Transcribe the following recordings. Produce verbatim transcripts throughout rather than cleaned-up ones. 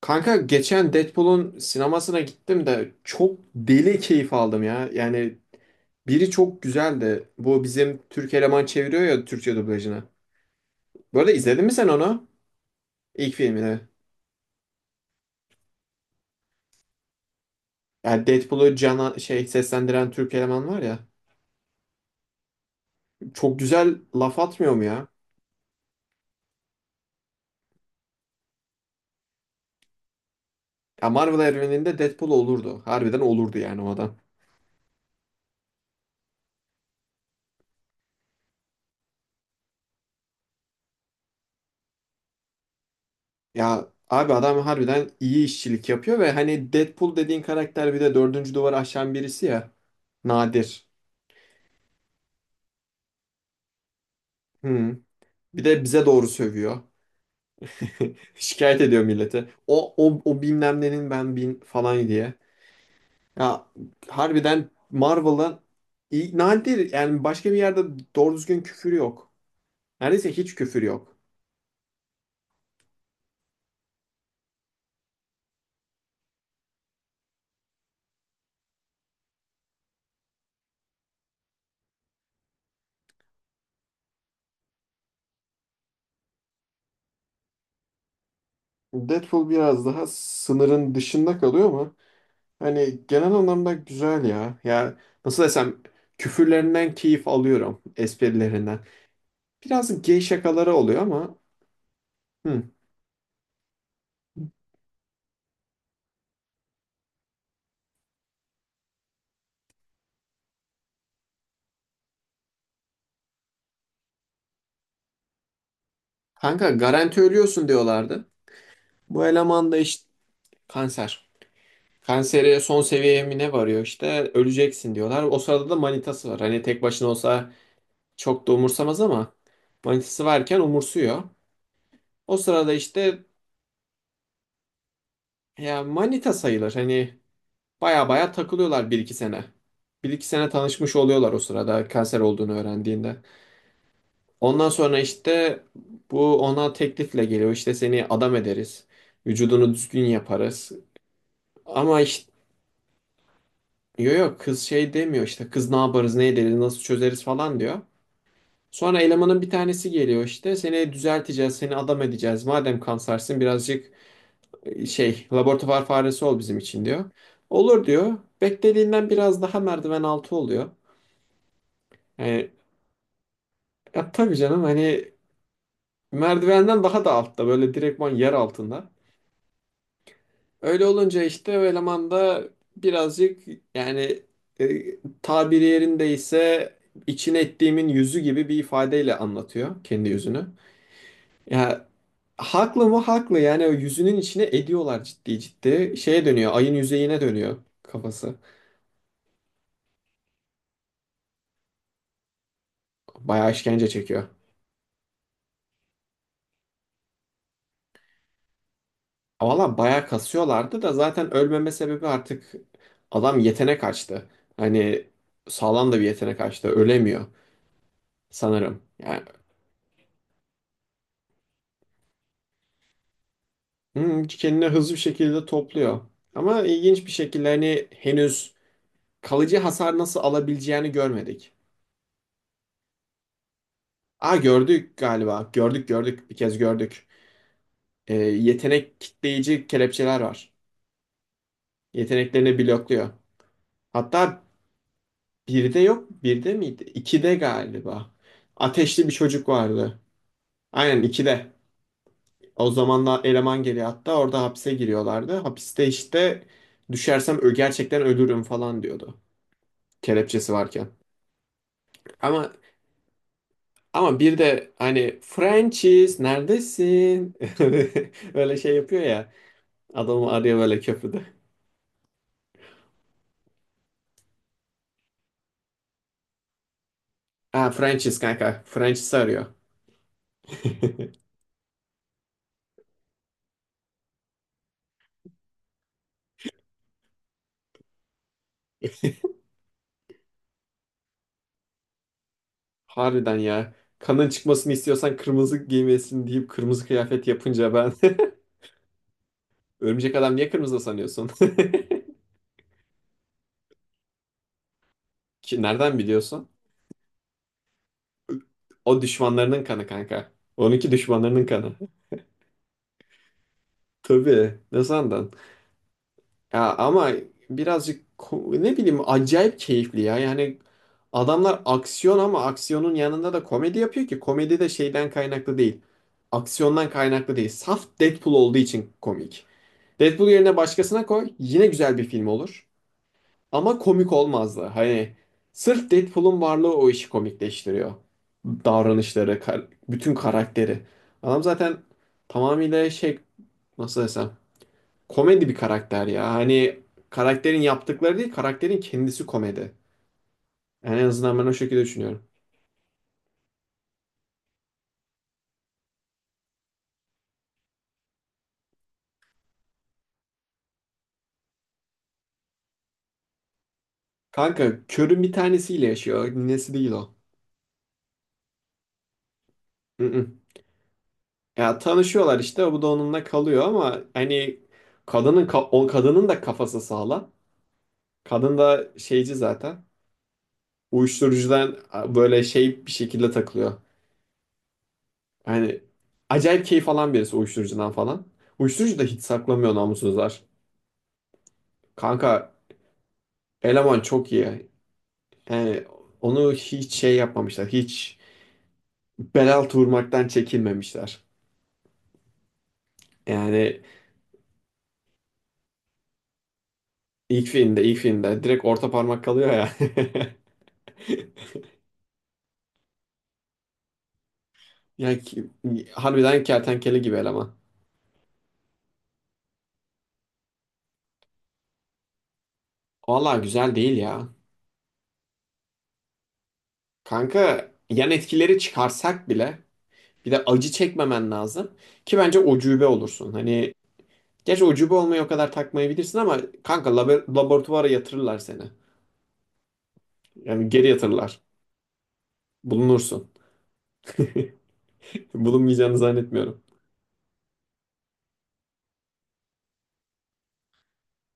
Kanka geçen Deadpool'un sinemasına gittim de çok deli keyif aldım ya. Yani biri çok güzeldi. Bu bizim Türk eleman çeviriyor ya Türkçe dublajını. Bu arada izledin mi sen onu? İlk filmini. Yani Deadpool'u cana şey seslendiren Türk eleman var ya. Çok güzel laf atmıyor mu ya? Ya Marvel evreninde Deadpool olurdu. Harbiden olurdu yani o adam. Ya abi adam harbiden iyi işçilik yapıyor ve hani Deadpool dediğin karakter bir de dördüncü duvarı aşan birisi ya. Nadir. Hı. Bir de bize doğru sövüyor. Şikayet ediyor millete. O o o bilmem nenin ben bin falan diye. Ya harbiden Marvel'ın iyi- nadir yani başka bir yerde doğru düzgün küfür yok. Neredeyse hiç küfür yok. Deadpool biraz daha sınırın dışında kalıyor ama hani genel anlamda güzel ya. Ya nasıl desem küfürlerinden keyif alıyorum, esprilerinden. Biraz gay şakaları oluyor ama hı. Kanka garanti ölüyorsun diyorlardı. Bu eleman da işte kanser. Kanseri son seviyeye mi ne varıyor işte öleceksin diyorlar. O sırada da manitası var. Hani tek başına olsa çok da umursamaz ama manitası varken umursuyor. O sırada işte ya manita sayılır. Hani baya baya takılıyorlar bir iki sene. Bir iki sene tanışmış oluyorlar o sırada kanser olduğunu öğrendiğinde. Ondan sonra işte bu ona teklifle geliyor. İşte seni adam ederiz. Vücudunu düzgün yaparız. Ama işte. Yok, yok, kız şey demiyor işte kız ne yaparız ne ederiz nasıl çözeriz falan diyor. Sonra elemanın bir tanesi geliyor işte seni düzelteceğiz seni adam edeceğiz. Madem kansersin birazcık e, şey laboratuvar faresi ol bizim için diyor. Olur diyor. Beklediğinden biraz daha merdiven altı oluyor. Yani ya tabii canım hani merdivenden daha da altta böyle direktman yer altında. Öyle olunca işte o eleman da birazcık yani e, tabiri yerindeyse içine ettiğimin yüzü gibi bir ifadeyle anlatıyor kendi yüzünü. Ya haklı mı haklı yani o yüzünün içine ediyorlar ciddi ciddi. Şeye dönüyor ayın yüzeyine dönüyor kafası. Bayağı işkence çekiyor. Valla bayağı kasıyorlardı da zaten ölmeme sebebi artık adam yetenek açtı. Hani sağlam da bir yetenek açtı ölemiyor sanırım. Yani Hmm, kendini hızlı bir şekilde topluyor. Ama ilginç bir şekilde hani henüz kalıcı hasar nasıl alabileceğini görmedik. Aa gördük galiba. Gördük, gördük. Bir kez gördük. Ee, yetenek kitleyici kelepçeler var. Yeteneklerini blokluyor. Hatta birde yok. Birde miydi? İkide galiba. Ateşli bir çocuk vardı. Aynen ikide. O zamanlar eleman geliyor hatta orada hapse giriyorlardı. Hapiste işte düşersem ö- gerçekten ölürüm falan diyordu. Kelepçesi varken. Ama Ama bir de hani Francis neredesin? Böyle şey yapıyor ya. Adamı arıyor böyle köprüde. Ha Francis kanka. Francis arıyor. Harbiden ya. Kanın çıkmasını istiyorsan kırmızı giymesin deyip kırmızı kıyafet yapınca ben örümcek adam niye kırmızı sanıyorsun? Ki nereden biliyorsun? O düşmanlarının kanı kanka. Onunki düşmanlarının kanı. Tabii. Ne sandın? Ya ama birazcık ko- ne bileyim acayip keyifli ya. Yani adamlar aksiyon ama aksiyonun yanında da komedi yapıyor ki komedi de şeyden kaynaklı değil. Aksiyondan kaynaklı değil. Saf Deadpool olduğu için komik. Deadpool yerine başkasına koy yine güzel bir film olur. Ama komik olmazdı. Hani sırf Deadpool'un varlığı o işi komikleştiriyor. Davranışları, kar- bütün karakteri. Adam zaten tamamıyla şey nasıl desem komedi bir karakter ya. Hani karakterin yaptıkları değil, karakterin kendisi komedi. Yani en azından ben o şekilde düşünüyorum. Kanka körün bir tanesiyle yaşıyor. Ninesi değil o. Mm-mm. Ya tanışıyorlar işte. Bu da onunla kalıyor ama hani kadının ka- o kadının da kafası sağlam. Kadın da şeyci zaten. Uyuşturucudan böyle şey bir şekilde takılıyor. Yani acayip keyif alan birisi uyuşturucudan falan. Uyuşturucu da hiç saklamıyor namussuzlar. Kanka eleman çok iyi. Yani onu hiç şey yapmamışlar. Hiç bel altı vurmaktan çekinmemişler. Yani ilk filmde ilk filmde direkt orta parmak kalıyor ya. Yani ki- harbiden kertenkele gibi eleman. Vallahi güzel değil ya. Kanka yan etkileri çıkarsak bile bir de acı çekmemen lazım ki bence ucube olursun. Hani gerçi ucube olmayı o kadar takmayabilirsin ama kanka labo- laboratuvara yatırırlar seni. Yani geri yatırırlar. Bulunursun. Bulunmayacağını zannetmiyorum.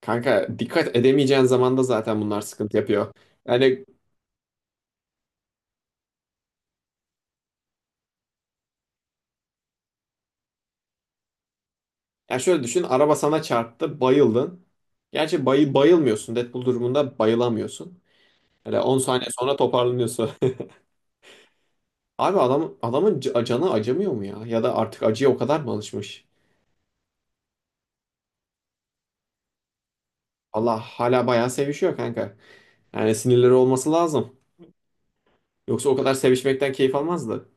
Kanka dikkat edemeyeceğin zaman da zaten bunlar sıkıntı yapıyor. Yani ya şöyle düşün araba sana çarptı bayıldın. Gerçi bayı bayılmıyorsun Deadpool durumunda bayılamıyorsun. Hele on saniye sonra toparlanıyorsun. Abi adam, adamın ca- canı acımıyor mu ya? Ya da artık acıya o kadar mı alışmış? Allah hala bayağı sevişiyor kanka. Yani sinirleri olması lazım. Yoksa o kadar sevişmekten keyif almazdı.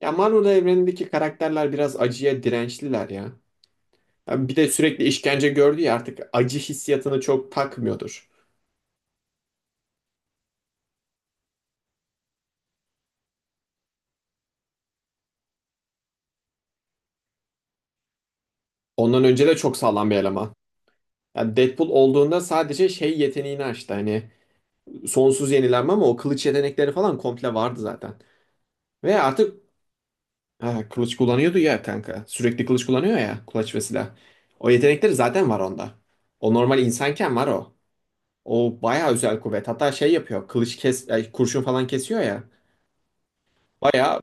Ya Marvel evrenindeki karakterler biraz acıya dirençliler ya. Ya bir de sürekli işkence gördü ya artık acı hissiyatını çok takmıyordur. Ondan önce de çok sağlam bir eleman. Yani Deadpool olduğunda sadece şey yeteneğini açtı hani sonsuz yenilenme ama o kılıç yetenekleri falan komple vardı zaten. Ve artık. Ha, kılıç kullanıyordu ya kanka. Sürekli kılıç kullanıyor ya. Kulaç ve silah. O yetenekleri zaten var onda. O normal insanken var o. O bayağı özel kuvvet. Hatta şey yapıyor. Kılıç kes, ay, kurşun falan kesiyor ya. Bayağı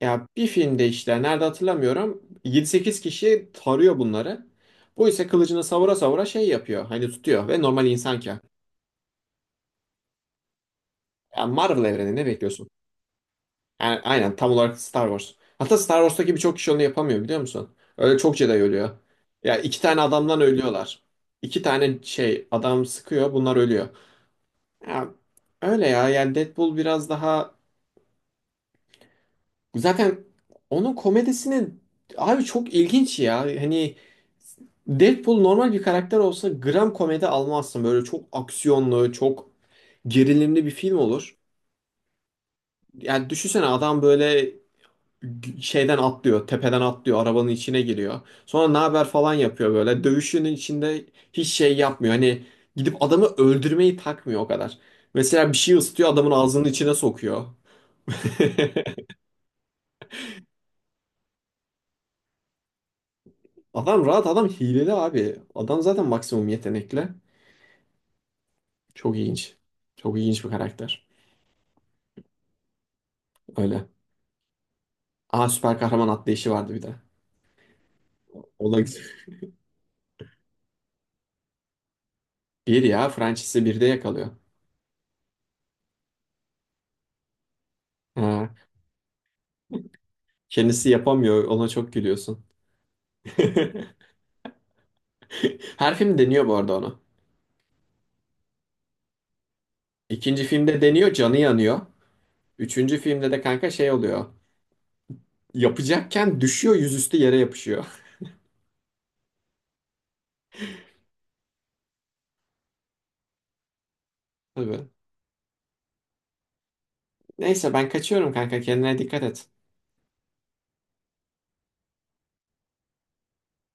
ya bir filmde işte nerede hatırlamıyorum. yedi sekiz kişi tarıyor bunları. Bu ise kılıcını savura savura şey yapıyor. Hani tutuyor ve normal insanken. Ya Marvel evreni ne bekliyorsun? Yani aynen tam olarak Star Wars. Hatta Star Wars'taki birçok kişi onu yapamıyor biliyor musun? Öyle çok Jedi ölüyor. Ya iki tane adamdan ölüyorlar. İki tane şey adam sıkıyor bunlar ölüyor. Ya, öyle ya yani Deadpool biraz daha... Zaten onun komedisini abi çok ilginç ya. Hani Deadpool normal bir karakter olsa gram komedi almazsın. Böyle çok aksiyonlu, çok gerilimli bir film olur. Yani düşünsene adam böyle şeyden atlıyor, tepeden atlıyor, arabanın içine giriyor. Sonra ne haber falan yapıyor böyle. Dövüşünün içinde hiç şey yapmıyor. Hani gidip adamı öldürmeyi takmıyor o kadar. Mesela bir şey ısıtıyor adamın ağzının içine sokuyor. Adam rahat adam hileli abi. Adam zaten maksimum yetenekli. Çok ilginç. Çok ilginç bir karakter. Öyle. Aa süper kahraman atlayışı vardı bir de. O da bir ya Francis'i bir de yakalıyor. Ha, kendisi yapamıyor ona çok gülüyorsun. Her film deniyor bu arada onu. İkinci filmde deniyor canı yanıyor. Üçüncü filmde de kanka şey oluyor. Yapacakken düşüyor yüzüstü yere yapışıyor. Tabii. Neyse ben kaçıyorum kanka kendine dikkat et.